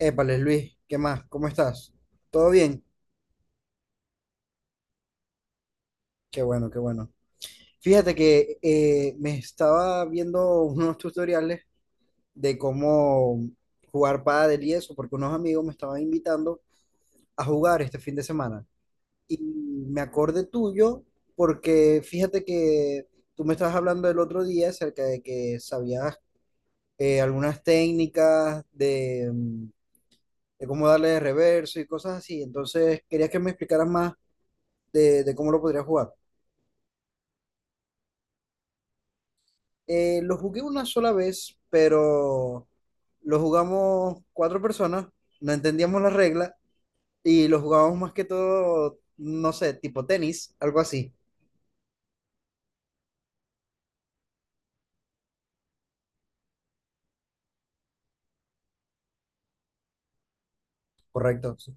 Épale, Luis, ¿qué más? ¿Cómo estás? ¿Todo bien? Qué bueno, qué bueno. Fíjate que me estaba viendo unos tutoriales de cómo jugar pádel y eso, porque unos amigos me estaban invitando a jugar este fin de semana. Y me acordé tuyo, porque fíjate que tú me estabas hablando el otro día acerca de que sabías algunas técnicas de, de cómo darle de reverso y cosas así. Entonces, quería que me explicaras más de cómo lo podrías jugar. Lo jugué una sola vez, pero lo jugamos cuatro personas, no entendíamos las reglas y lo jugábamos más que todo, no sé, tipo tenis, algo así. Correcto, sí.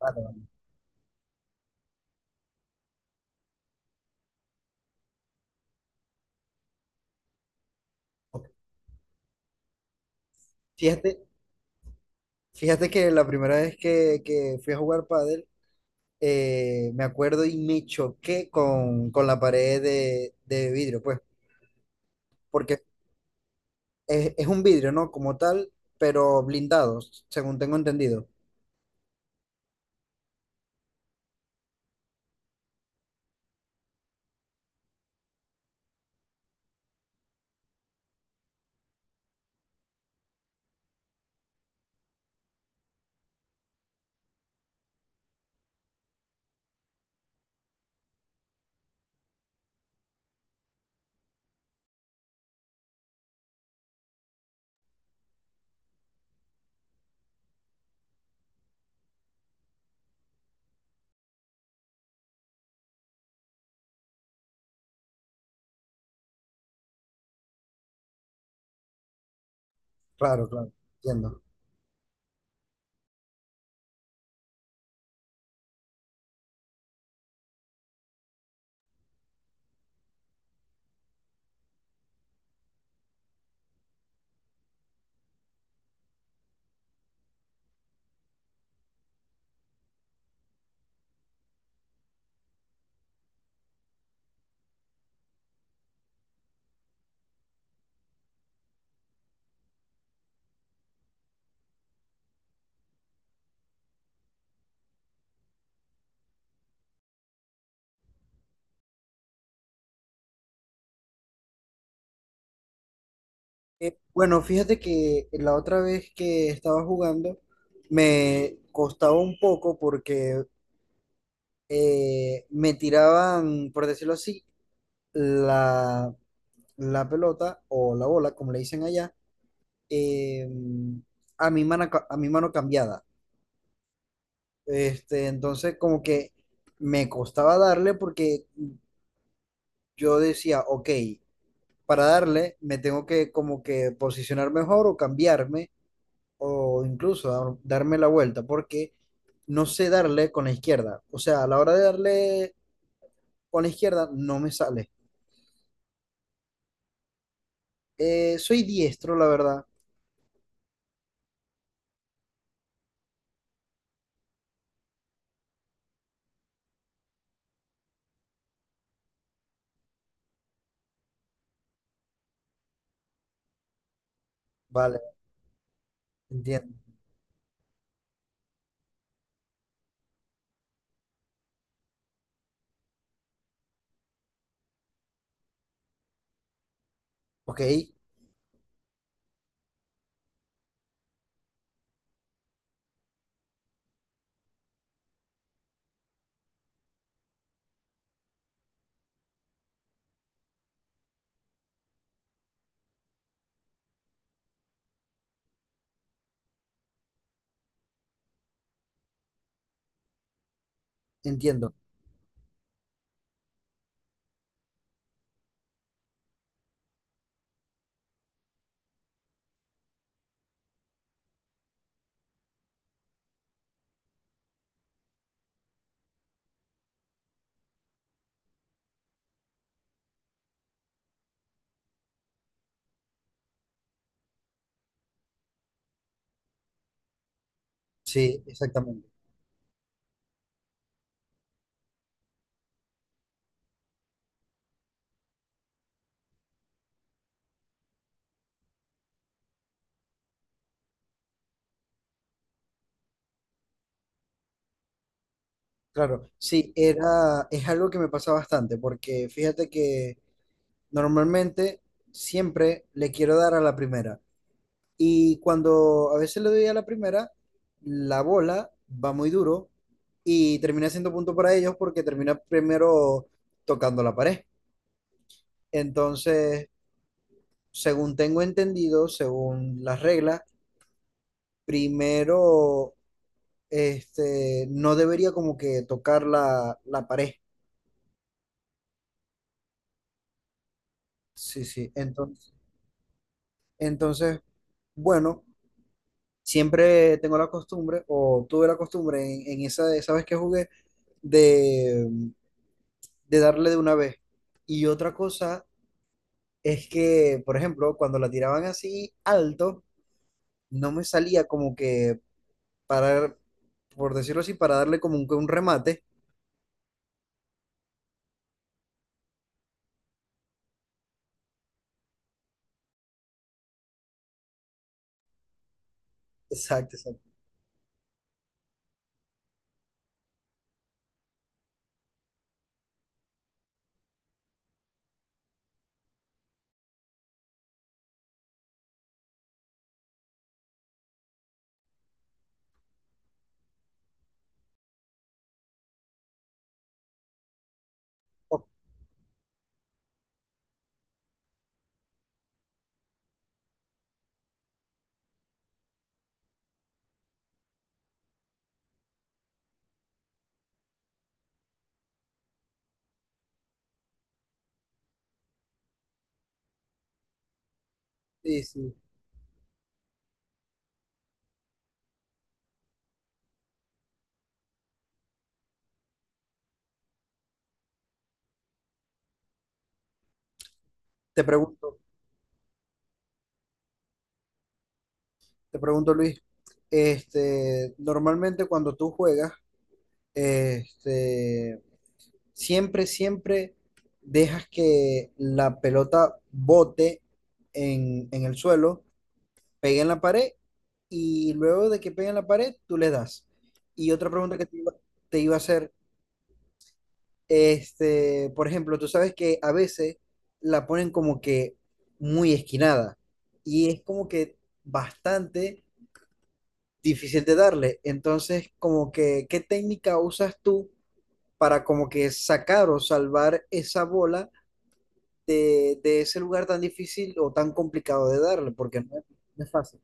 Vale, vale. Fíjate, fíjate que la primera vez que fui a jugar pádel, me acuerdo y me choqué con la pared de vidrio, pues, porque es un vidrio, ¿no? Como tal, pero blindado, según tengo entendido. Claro, claro, entiendo. Bueno, fíjate que la otra vez que estaba jugando me costaba un poco porque me tiraban, por decirlo así, la, la pelota o la bola, como le dicen allá, eh, a mi mano, a mi mano cambiada. Este, entonces como que me costaba darle porque yo decía, ok, para darle me tengo que como que posicionar mejor o cambiarme o incluso darme la vuelta, porque no sé darle con la izquierda. O sea, a la hora de darle con la izquierda no me sale. Soy diestro, la verdad. Vale, entiendo. Ok, entiendo. Sí, exactamente. Claro, sí, era, es algo que me pasa bastante, porque fíjate que normalmente siempre le quiero dar a la primera. Y cuando a veces le doy a la primera, la bola va muy duro y termina siendo punto para ellos porque termina primero tocando la pared. Entonces, según tengo entendido, según las reglas, primero este, no debería como que tocar la, la pared. Sí, sí. Entonces, entonces, bueno, siempre tengo la costumbre, o tuve la costumbre en esa, esa vez que jugué, de darle de una vez. Y otra cosa es que, por ejemplo, cuando la tiraban así alto, no me salía como que parar, por decirlo así, para darle como un remate. Exacto, exacto. Sí, sí. Te pregunto, te pregunto, Luis, este, normalmente cuando tú juegas, este, siempre, siempre dejas que la pelota bote en el suelo, pega en la pared y luego de que pegue en la pared, tú le das. Y otra pregunta que te iba a hacer, este, por ejemplo, tú sabes que a veces la ponen como que muy esquinada y es como que bastante difícil de darle. Entonces, como que, ¿qué técnica usas tú para como que sacar o salvar esa bola de ese lugar tan difícil o tan complicado de darle? Porque no es, no es fácil.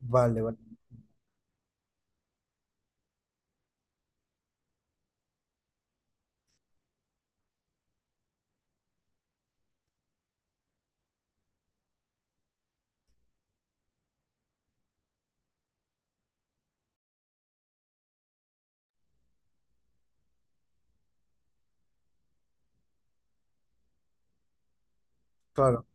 Vale, vale, claro.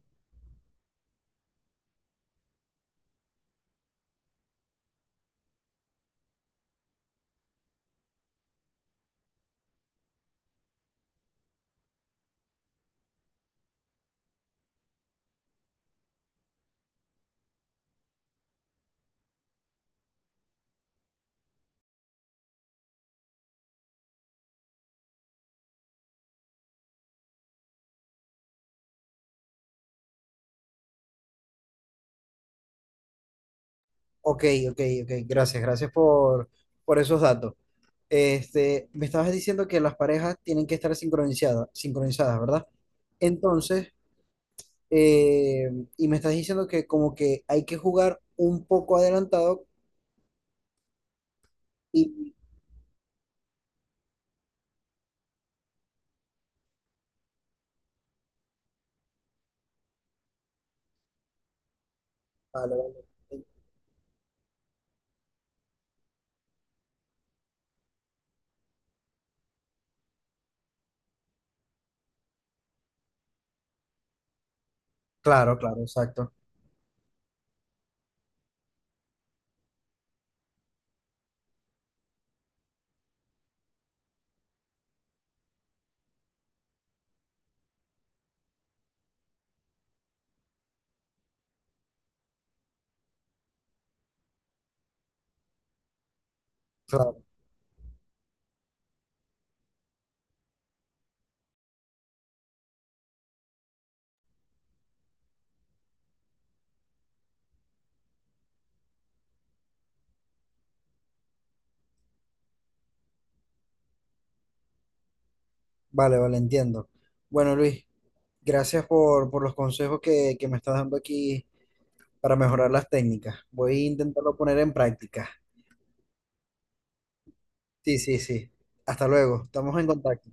Ok, ok, ok. Gracias, gracias por esos datos. Este, me estabas diciendo que las parejas tienen que estar sincronizadas, sincronizadas, ¿verdad? Entonces, eh, y me estás diciendo que como que hay que jugar un poco adelantado y... Vale, vale. Claro, claro, exacto. Claro. Vale, vale, entiendo. Bueno, Luis, gracias por los consejos que me estás dando aquí para mejorar las técnicas. Voy a intentarlo poner en práctica. Sí, sí, sí. Hasta luego. Estamos en contacto.